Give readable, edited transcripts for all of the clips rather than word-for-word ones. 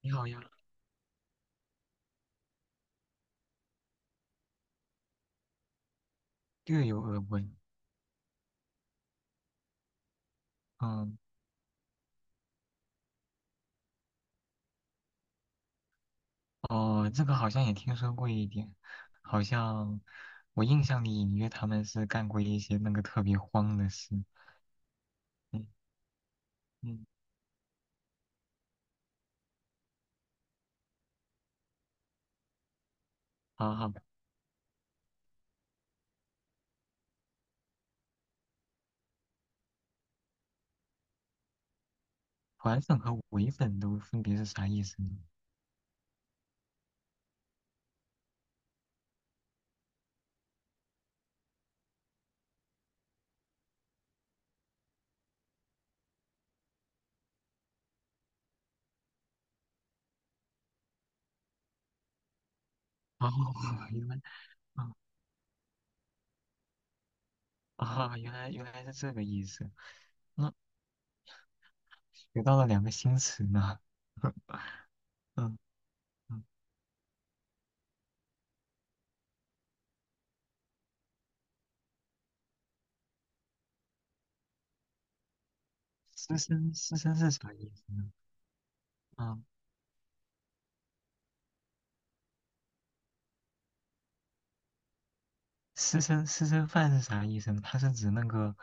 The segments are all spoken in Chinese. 你好呀，略有耳闻。嗯，哦，这个好像也听说过一点，好像我印象里隐约他们是干过一些那个特别荒的事。嗯嗯，好好，团粉和伪粉都分别是啥意思呢？哦，原来，啊啊，原来原来是这个意思。那学到了两个新词呢。嗯嗯，师生师生是啥意思呢？私生私生饭是啥意思呢？它是指那个，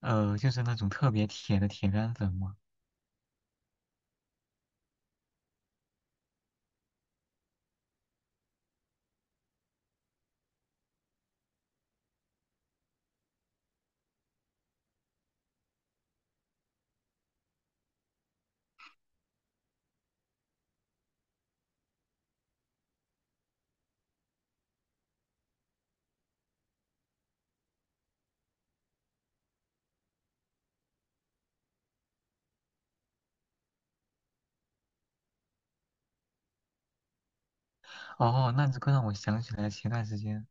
就是那种特别铁的铁杆粉吗？哦，那这个让我想起来前段时间，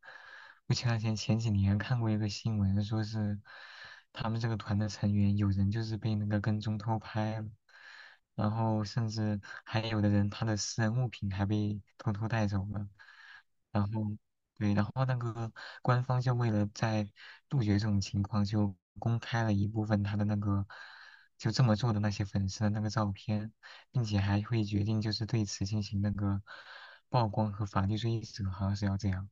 不前段时间前几年看过一个新闻，说是他们这个团的成员有人就是被那个跟踪偷拍了，然后甚至还有的人他的私人物品还被偷偷带走了，然后对，然后那个官方就为了在杜绝这种情况，就公开了一部分他的那个就这么做的那些粉丝的那个照片。并且还会决定就是对此进行那个曝光和法律追责，好像是要这样。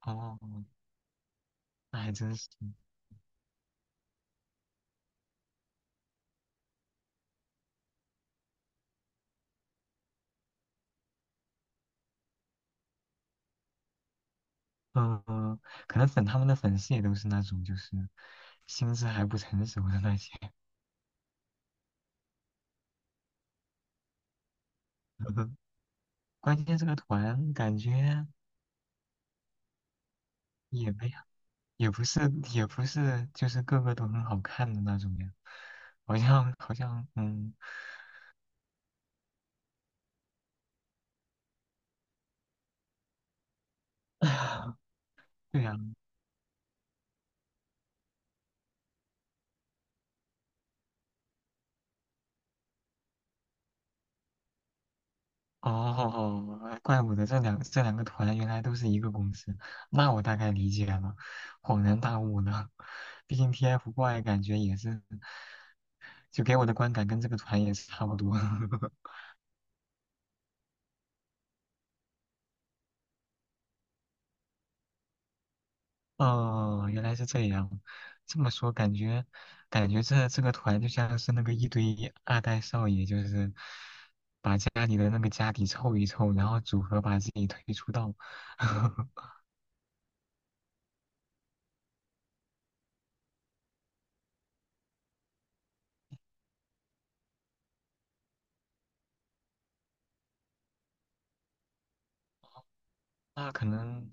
哦，那还真是，嗯、呃，可能粉他们的粉丝也都是那种就是心智还不成熟的那些。关键这个团感觉也没有，也不是也不是就是个个都很好看的那种呀，好像好像嗯，对呀、哦，怪不得这两个团原来都是一个公司，那我大概理解了，恍然大悟呢。毕竟 TFBOYS 感觉也是，就给我的观感跟这个团也是差不多。哦，原来是这样，这么说感觉感觉这个团就像是那个一堆二代少爷，就是把家里的那个家底凑一凑，然后组合把自己推出道。那可能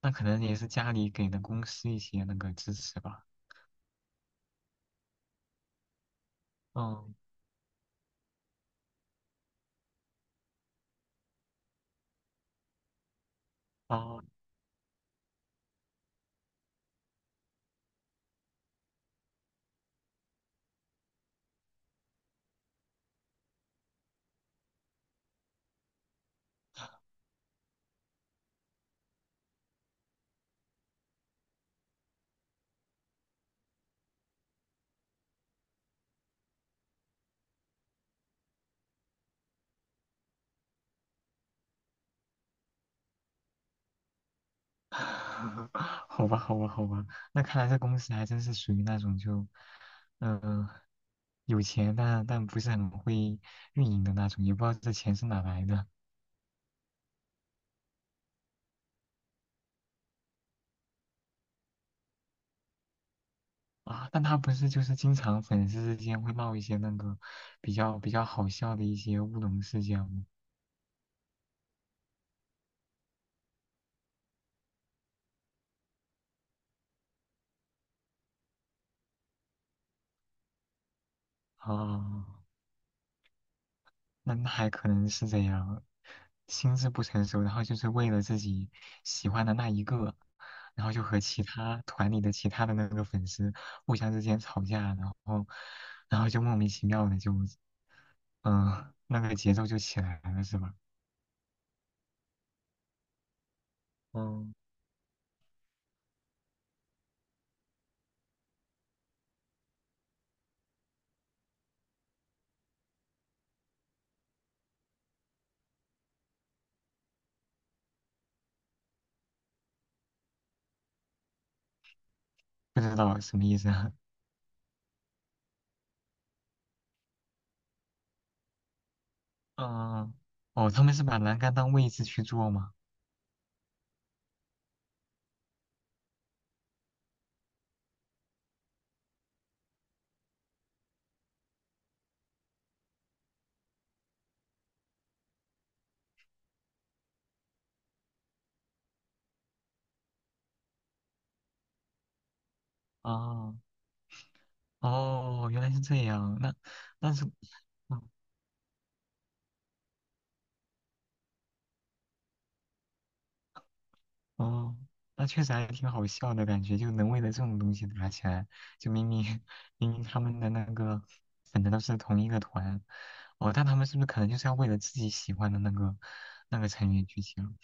那可能也是家里给的公司一些那个支持吧。嗯，哦，好吧，好吧，好吧，那看来这公司还真是属于那种就，嗯、有钱但不是很会运营的那种，也不知道这钱是哪来的啊。但他不是就是经常粉丝之间会闹一些那个比较好笑的一些乌龙事件吗？啊。那还可能是这样，心智不成熟，然后就是为了自己喜欢的那一个，然后就和其他团里的其他的那个粉丝互相之间吵架，然后，然后就莫名其妙的就，嗯、那个节奏就起来了，是吧？嗯，不知道什么意思啊？嗯，哦，他们是把栏杆当位置去做吗？哦，哦，原来是这样，那，但是。嗯哦，那确实还挺好笑的感觉，就能为了这种东西打起来，就明明 明明他们的那个粉的都是同一个团，哦，但他们是不是可能就是要为了自己喜欢的那个那个成员去抢？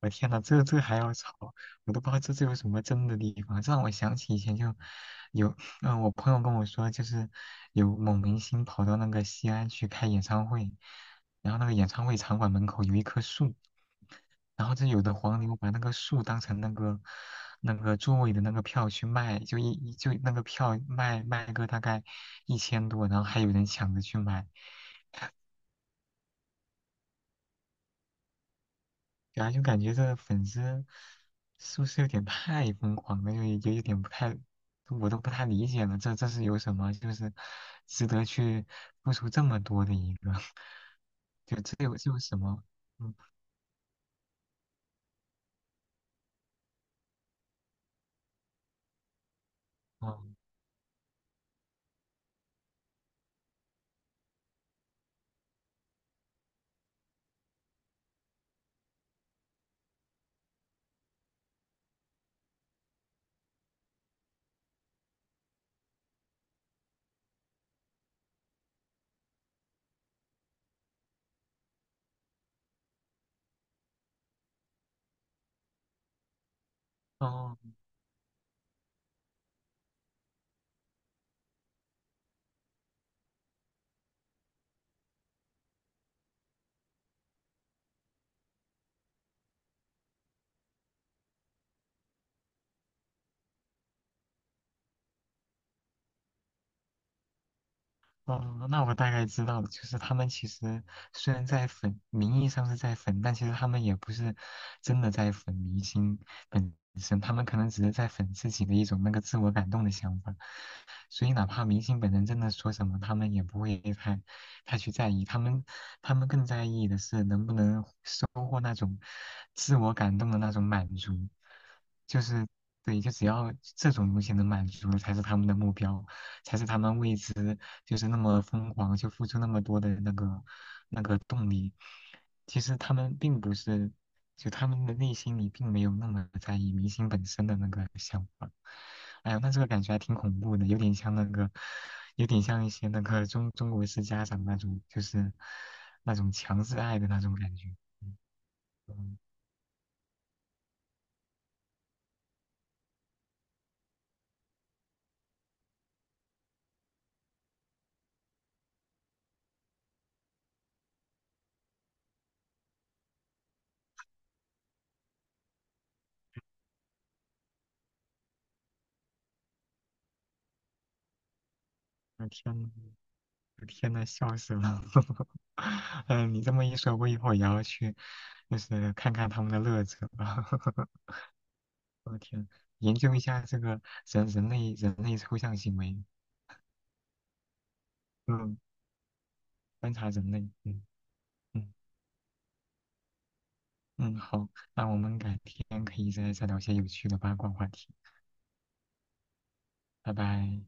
我天呐，这还要吵，我都不知道这有什么争的地方。这让我想起以前就有，我朋友跟我说，就是有某明星跑到那个西安去开演唱会，然后那个演唱会场馆门口有一棵树，然后这有的黄牛把那个树当成那个那个座位的那个票去卖，就一就那个票卖卖个大概一千多，然后还有人抢着去买，然后就感觉这粉丝是不是有点太疯狂了，就就有点不太，我都不太理解了，这是有什么，就是值得去付出这么多的一个，就这有什么，嗯哦哦哦，那我大概知道了，就是他们其实虽然在粉，名义上是在粉，但其实他们也不是真的在粉明星本身，他们可能只是在粉自己的一种那个自我感动的想法。所以哪怕明星本人真的说什么，他们也不会太去在意，他们更在意的是能不能收获那种自我感动的那种满足，就是对，就只要这种东西能满足，才是他们的目标，才是他们为之就是那么疯狂，就付出那么多的那个那个动力。其实他们并不是就他们的内心里并没有那么在意明星本身的那个想法。哎呀，那这个感觉还挺恐怖的，有点像那个，有点像一些那个中国式家长那种，就是那种强制爱的那种感觉。嗯，我天呐，我天呐，笑死了。嗯，你这么一说，我以后也要去，就是看看他们的乐子了。我天，研究一下这个人类抽象行为，嗯，观察人类，嗯嗯。嗯，好，那我们改天可以再聊些有趣的八卦话题，拜拜。